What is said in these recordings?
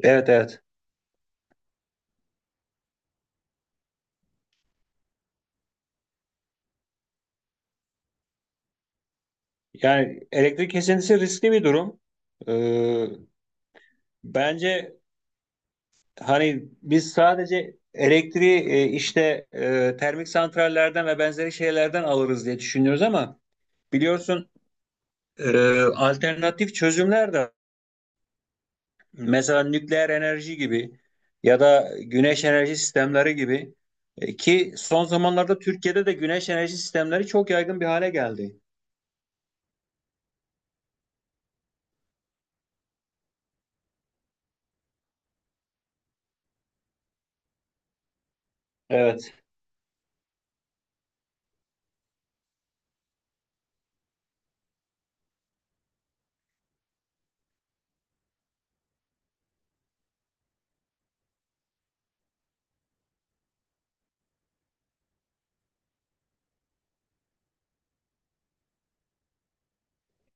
Evet, evet. Yani elektrik kesintisi riskli bir durum. Ee, Bence hani biz sadece elektriği işte termik santrallerden ve benzeri şeylerden alırız diye düşünüyoruz ama biliyorsun, e, alternatif çözümler de var. Mesela nükleer enerji gibi ya da güneş enerji sistemleri gibi. Ki son zamanlarda Türkiye'de de güneş enerji sistemleri çok yaygın bir hale geldi. Evet.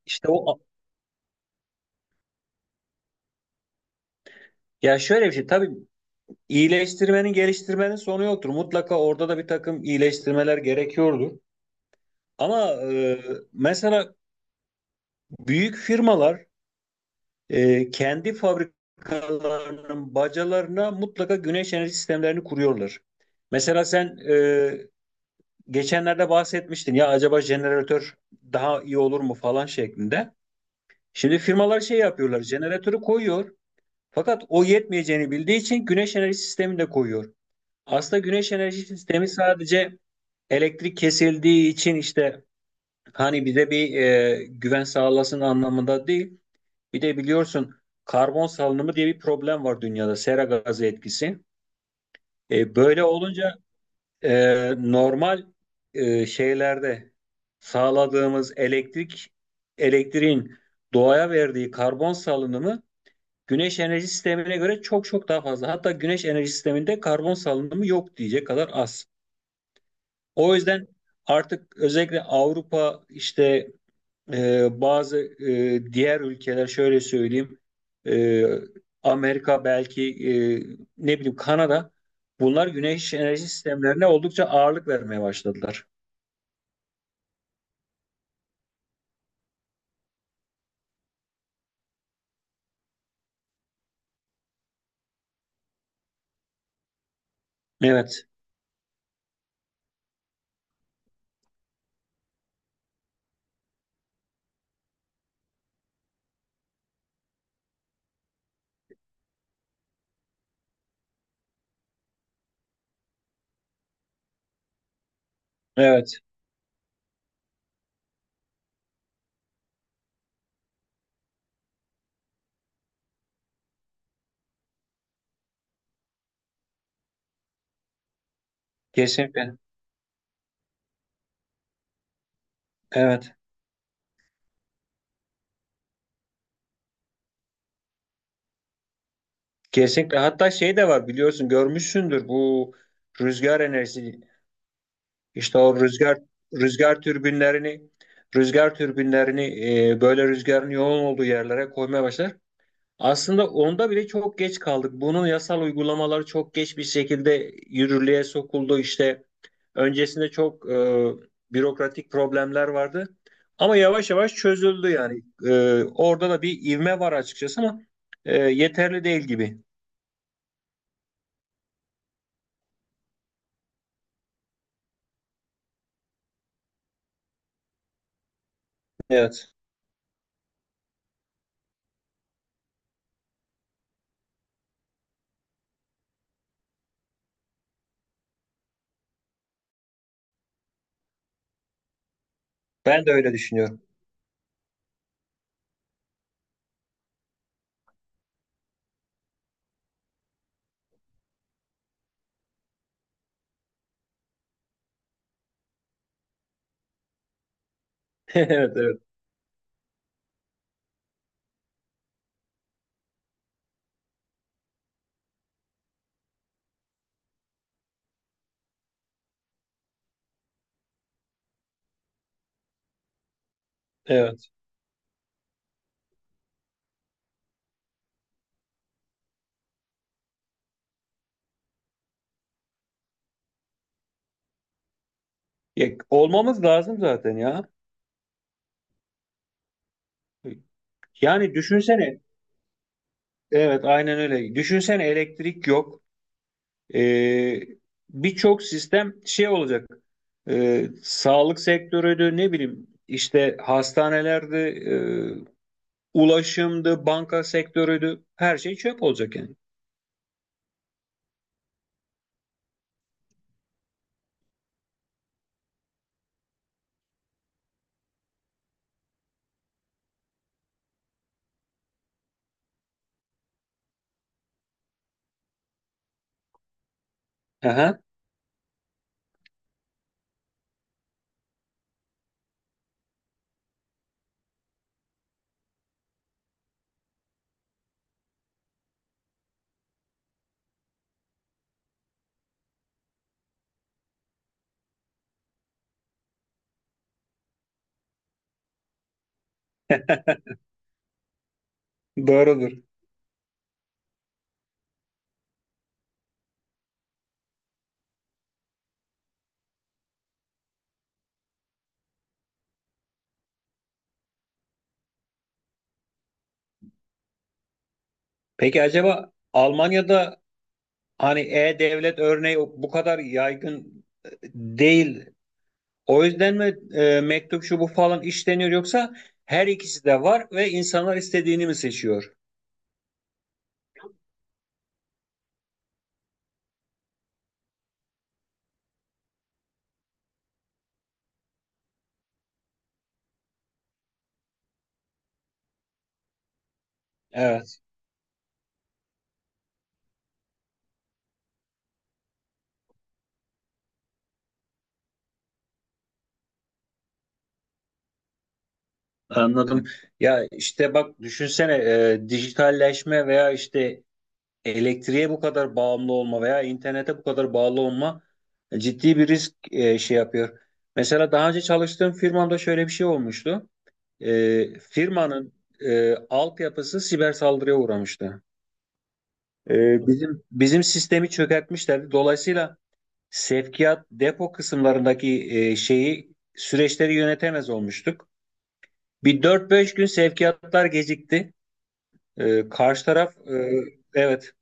İşte o, ya şöyle bir şey tabii. İyileştirmenin, geliştirmenin sonu yoktur. Mutlaka orada da bir takım iyileştirmeler gerekiyordur. Ama mesela büyük firmalar, kendi fabrikalarının bacalarına mutlaka güneş enerji sistemlerini kuruyorlar. Mesela sen geçenlerde bahsetmiştin ya, acaba jeneratör daha iyi olur mu falan şeklinde. Şimdi firmalar şey yapıyorlar, jeneratörü koyuyor. Fakat o yetmeyeceğini bildiği için güneş enerji sistemini de koyuyor. Aslında güneş enerji sistemi sadece elektrik kesildiği için işte hani bize bir güven sağlasın anlamında değil. Bir de biliyorsun, karbon salınımı diye bir problem var dünyada, sera gazı etkisi. Böyle olunca normal şeylerde sağladığımız elektriğin doğaya verdiği karbon salınımı güneş enerji sistemine göre çok çok daha fazla. Hatta güneş enerji sisteminde karbon salınımı yok diyecek kadar az. O yüzden artık özellikle Avrupa, işte bazı diğer ülkeler şöyle söyleyeyim, e, Amerika belki, ne bileyim Kanada, bunlar güneş enerji sistemlerine oldukça ağırlık vermeye başladılar. Evet, evet, kesinlikle, evet, kesinlikle. Hatta şey de var, biliyorsun, görmüşsündür bu rüzgar enerjisi. İşte o rüzgar türbinlerini rüzgar türbinlerini böyle rüzgarın yoğun olduğu yerlere koymaya başlar. Aslında onda bile çok geç kaldık. Bunun yasal uygulamaları çok geç bir şekilde yürürlüğe sokuldu. İşte öncesinde çok bürokratik problemler vardı. Ama yavaş yavaş çözüldü yani. Orada da bir ivme var açıkçası ama yeterli değil gibi. Evet. Ben de öyle düşünüyorum. Evet, evet, evet. Ya, olmamız lazım zaten ya. Yani düşünsene. Evet, aynen öyle. Düşünsene, elektrik yok. E, Birçok sistem şey olacak. Sağlık sektörüydü, ne bileyim işte hastanelerde, ulaşımdı, banka sektörüydü. Her şey çöp olacak yani. Aha, doğrudur. Peki acaba Almanya'da hani e-devlet örneği bu kadar yaygın değil. O yüzden mi mektup, şu bu falan işleniyor, yoksa her ikisi de var ve insanlar istediğini mi seçiyor? Evet. Anladım. Ya işte bak, düşünsene, dijitalleşme veya işte elektriğe bu kadar bağımlı olma veya internete bu kadar bağlı olma ciddi bir risk, şey yapıyor. Mesela daha önce çalıştığım firmamda şöyle bir şey olmuştu. Firmanın altyapısı siber saldırıya uğramıştı. Bizim sistemi çökertmişlerdi. Dolayısıyla sevkiyat, depo kısımlarındaki şeyi, süreçleri yönetemez olmuştuk. Bir dört beş gün sevkiyatlar gecikti. Karşı taraf, evet.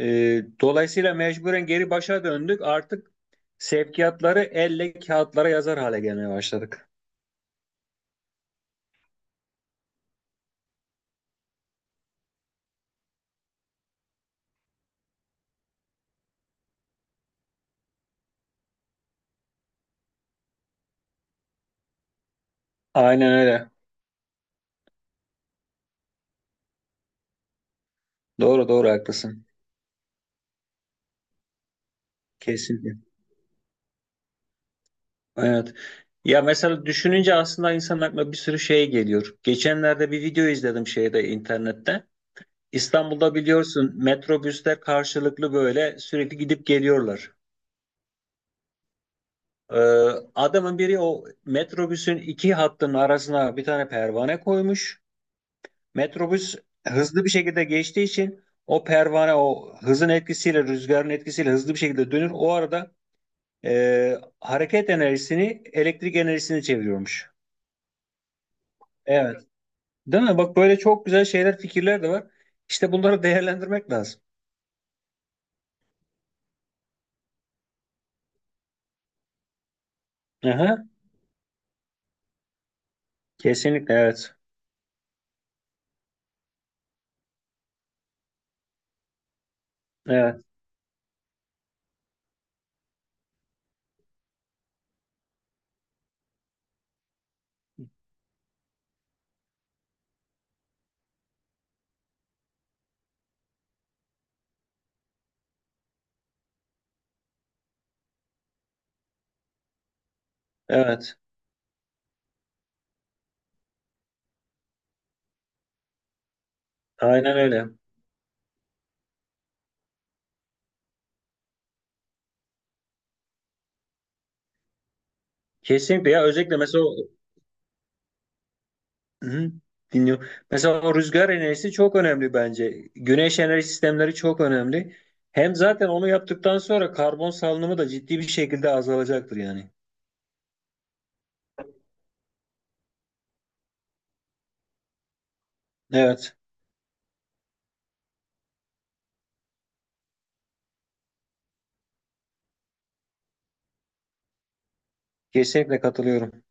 Dolayısıyla mecburen geri başa döndük. Artık sevkiyatları elle kağıtlara yazar hale gelmeye başladık. Aynen öyle. Doğru doğru, haklısın. Kesinlikle. Evet. Ya mesela düşününce aslında insanın aklına bir sürü şey geliyor. Geçenlerde bir video izledim şeyde, internette. İstanbul'da biliyorsun metrobüsler karşılıklı böyle sürekli gidip geliyorlar. Ee, Adamın biri o metrobüsün iki hattının arasına bir tane pervane koymuş. Metrobüs hızlı bir şekilde geçtiği için o pervane o hızın etkisiyle, rüzgarın etkisiyle hızlı bir şekilde dönür. O arada hareket enerjisini elektrik enerjisine çeviriyormuş. Evet. Değil mi? Bak böyle çok güzel şeyler, fikirler de var. İşte bunları değerlendirmek lazım. Aha, kesinlikle, evet. Evet. Evet. Aynen öyle. Kesinlikle ya, özellikle mesela o, hı, dinliyorum. Mesela o rüzgar enerjisi çok önemli bence. Güneş enerji sistemleri çok önemli. Hem zaten onu yaptıktan sonra karbon salınımı da ciddi bir şekilde azalacaktır yani. Evet, kesinlikle katılıyorum.